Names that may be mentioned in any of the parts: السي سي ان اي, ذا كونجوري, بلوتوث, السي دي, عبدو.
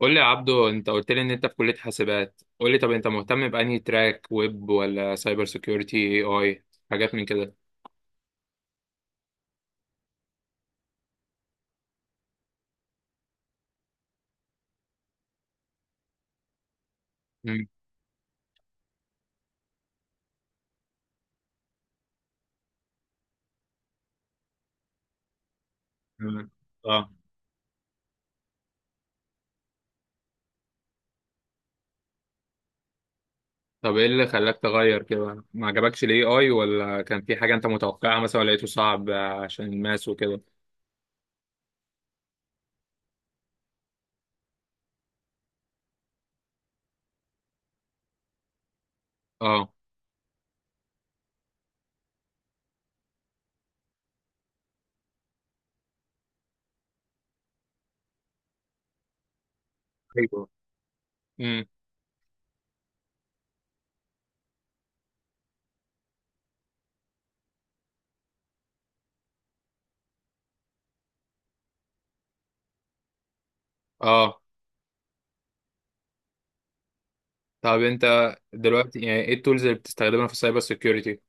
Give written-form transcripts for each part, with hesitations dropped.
قول لي يا عبدو، انت قلت لي ان انت في كلية حاسبات. قول لي، طب انت مهتم بأنهي تراك، ويب ولا سايبر سيكيورتي، AI حاجات من كده؟ مم. مم. اه. طب ايه اللي خلاك تغير كده؟ ما عجبكش الAI، ولا كان في حاجة انت متوقعها مثلا، ولا لقيته صعب عشان الماس وكده؟ اه، ايوه. امم اه. طب انت دلوقتي يعني ايه التولز اللي بتستخدمها في السايبر سيكيورتي؟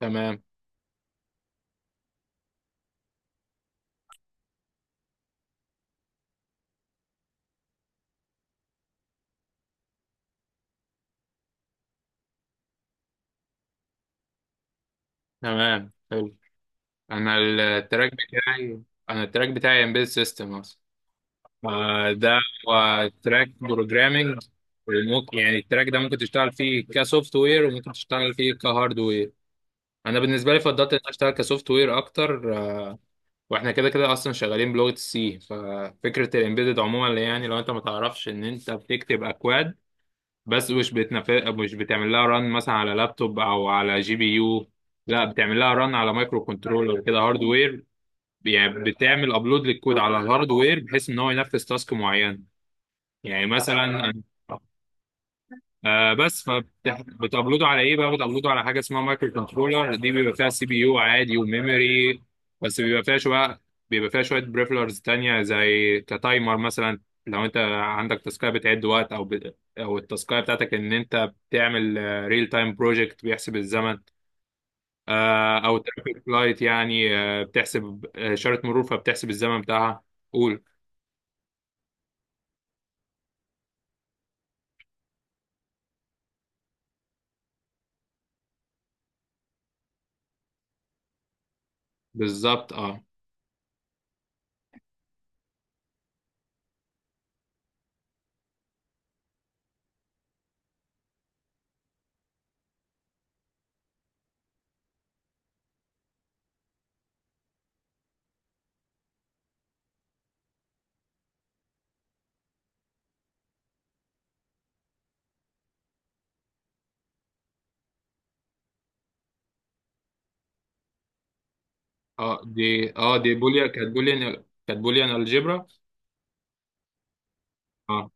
تمام. تمام، حلو. انا التراك بتاعي انا التراك بتاعي امبيد سيستم. ما ده هو تراك بروجرامنج، وممكن يعني التراك ده ممكن تشتغل فيه كسوفت وير وممكن تشتغل فيه كهارد وير. انا بالنسبه لي فضلت ان أنا اشتغل كسوفت وير اكتر. واحنا كده كده اصلا شغالين بلغه السي. ففكره الامبيدد عموما اللي يعني لو انت ما تعرفش ان انت بتكتب اكواد، بس مش بتعمل لها ران مثلا على لابتوب او على GPU. لا، بتعمل لها ران على مايكرو كنترولر، كده هاردوير. يعني بتعمل ابلود للكود على الهاردوير بحيث ان هو ينفذ تاسك معين. يعني مثلا، بس فبتابلوده على ايه بقى؟ بتابلوده على حاجه اسمها مايكرو كنترولر، دي بيبقى فيها CPU عادي وميموري، بس بيبقى فيها شويه بريفلرز تانية زي كتايمر مثلا. لو انت عندك تاسكايه بتعد وقت، او التاسكايه بتاعتك ان انت بتعمل ريل تايم بروجكت بيحسب الزمن. او ترافيك لايت، يعني بتحسب، اشاره مرور فبتحسب الزمن بتاعها. قول. بالظبط، اه. اه دي اه دي بوليا كانت بوليان كانت بوليان الجبرا. اه،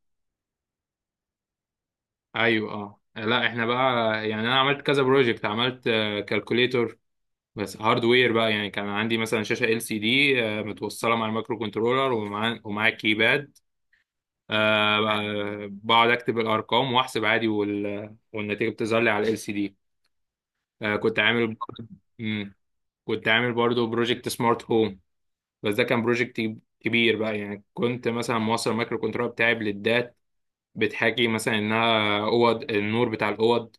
ايوه. اه، لا، احنا بقى يعني انا عملت كذا بروجكت، عملت كالكوليتور، بس هاردوير بقى. يعني كان عندي مثلا شاشه LCD متوصله مع المايكرو كنترولر ومع الكيباد. بقعد اكتب الارقام واحسب عادي، والنتيجه بتظهر لي على LCD. كنت عامل برضه. مم. كنت عامل برضه بروجكت سمارت هوم، بس ده كان بروجكت كبير بقى. يعني كنت مثلا موصل المايكرو كنترولر بتاعي، بتحكي مثلا انها اوض، النور بتاع الاوض.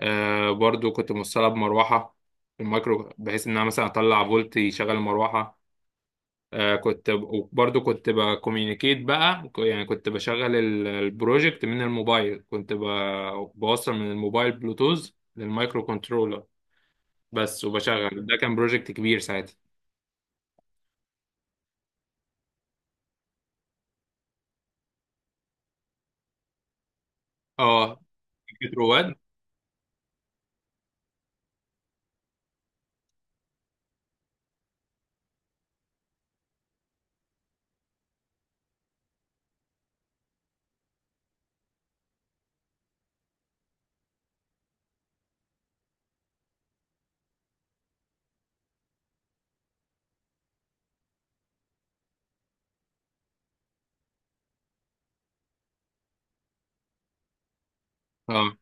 برضو كنت موصلها بمروحه، في المايكرو، بحيث انها مثلا اطلع فولت يشغل المروحه. آه كنت برضو كنت بكوميونيكيت بقى، يعني كنت بشغل البروجكت من الموبايل، كنت بوصل من الموبايل بلوتوث للمايكرو كنترولر بس. وبشغل، ده كان بروجكت كبير ساعتها. اه، كنترو واد، اه،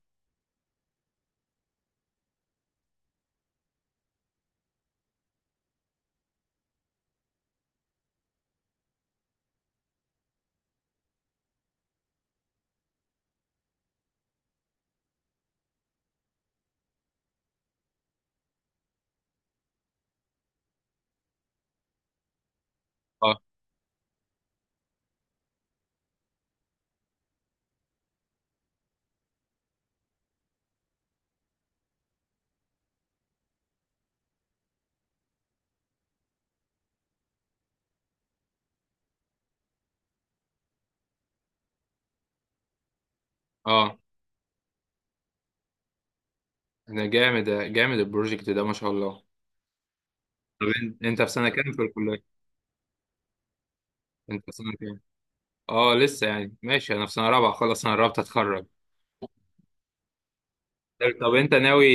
اه، اه. ده جامد، ده جامد البروجكت ده، ما شاء الله. طب انت في سنه كام في الكليه؟ انت في سنه كام؟ اه، لسه يعني ماشي، انا في سنه رابعه، خلاص انا قربت اتخرج. طب انت ناوي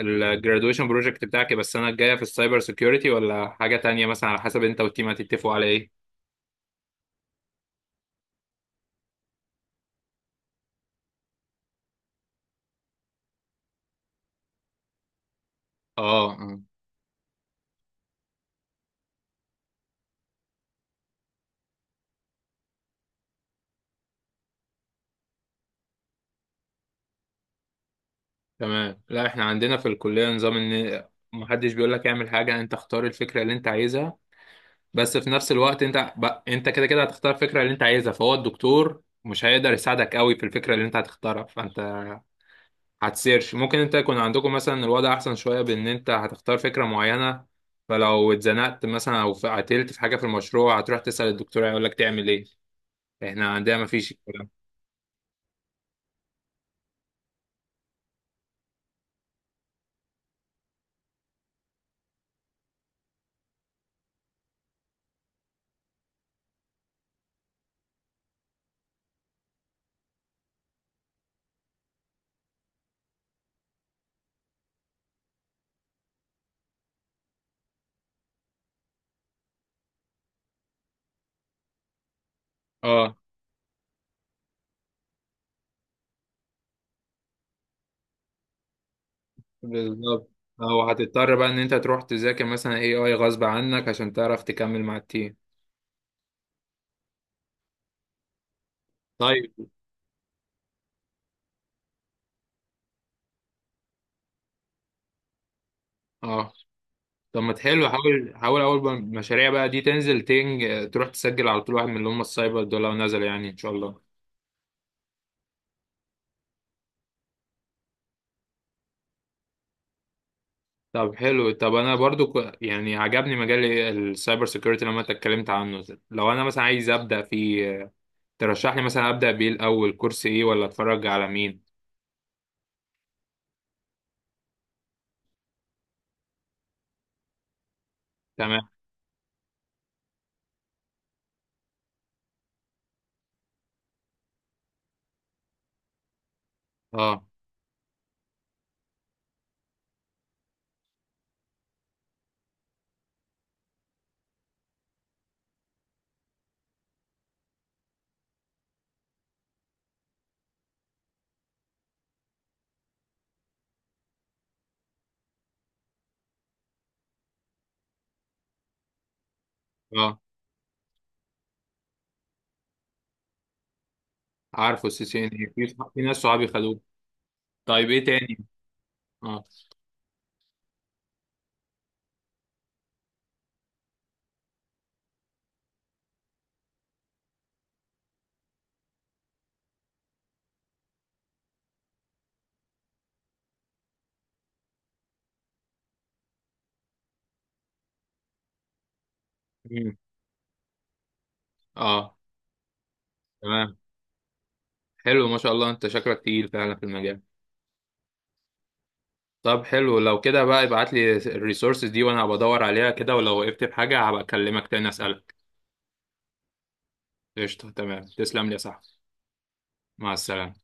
الجرادويشن بروجكت بتاعك يبقى السنه الجايه في السايبر سيكيورتي، ولا حاجه تانية مثلا على حسب انت والتيم هتتفقوا على ايه؟ اه. تمام. لا، احنا عندنا في الكليه نظام ان محدش بيقول لك اعمل حاجه، انت اختار الفكره اللي انت عايزها. بس في نفس الوقت انت بقى انت كده كده هتختار الفكره اللي انت عايزها، فهو الدكتور مش هيقدر يساعدك قوي في الفكره اللي انت هتختارها، فانت هتسيرش. ممكن انت يكون عندكم مثلا الوضع احسن شويه بان انت هتختار فكره معينه، فلو اتزنقت مثلا او قتلت في حاجه في المشروع هتروح تسال الدكتور هيقول لك تعمل ايه. احنا عندنا ما فيش الكلام. اه، بالظبط. او هتضطر بقى ان انت تروح تذاكر مثلا AI غصب عنك عشان تعرف تكمل مع التيم. طيب. اه. طب ما تحلو، حاول حاول اول ما المشاريع بقى دي تنزل تنج تروح تسجل على طول واحد من اللي هم السايبر دول لو نزل، يعني ان شاء الله. طب حلو، طب انا برضو يعني عجبني مجال السايبر سيكيورتي لما انت اتكلمت عنه. لو انا مثلا عايز ابدا فيه، ترشح لي مثلا ابدا بيه الاول كورس ايه، ولا اتفرج على مين؟ تمام. اه، اه. عارفه الCCNA، في، في ناس صحابي خدوه. طيب ايه تاني؟ اه. مم. اه. تمام، حلو، ما شاء الله انت شكلك تقيل فعلا في المجال. طب حلو لو كده، بدور بقى، ابعت لي الريسورسز دي وانا بدور عليها كده، ولو وقفت بحاجه هبقى اكلمك تاني اسالك. قشطه، تمام، تسلم لي يا صاحبي. مع السلامه.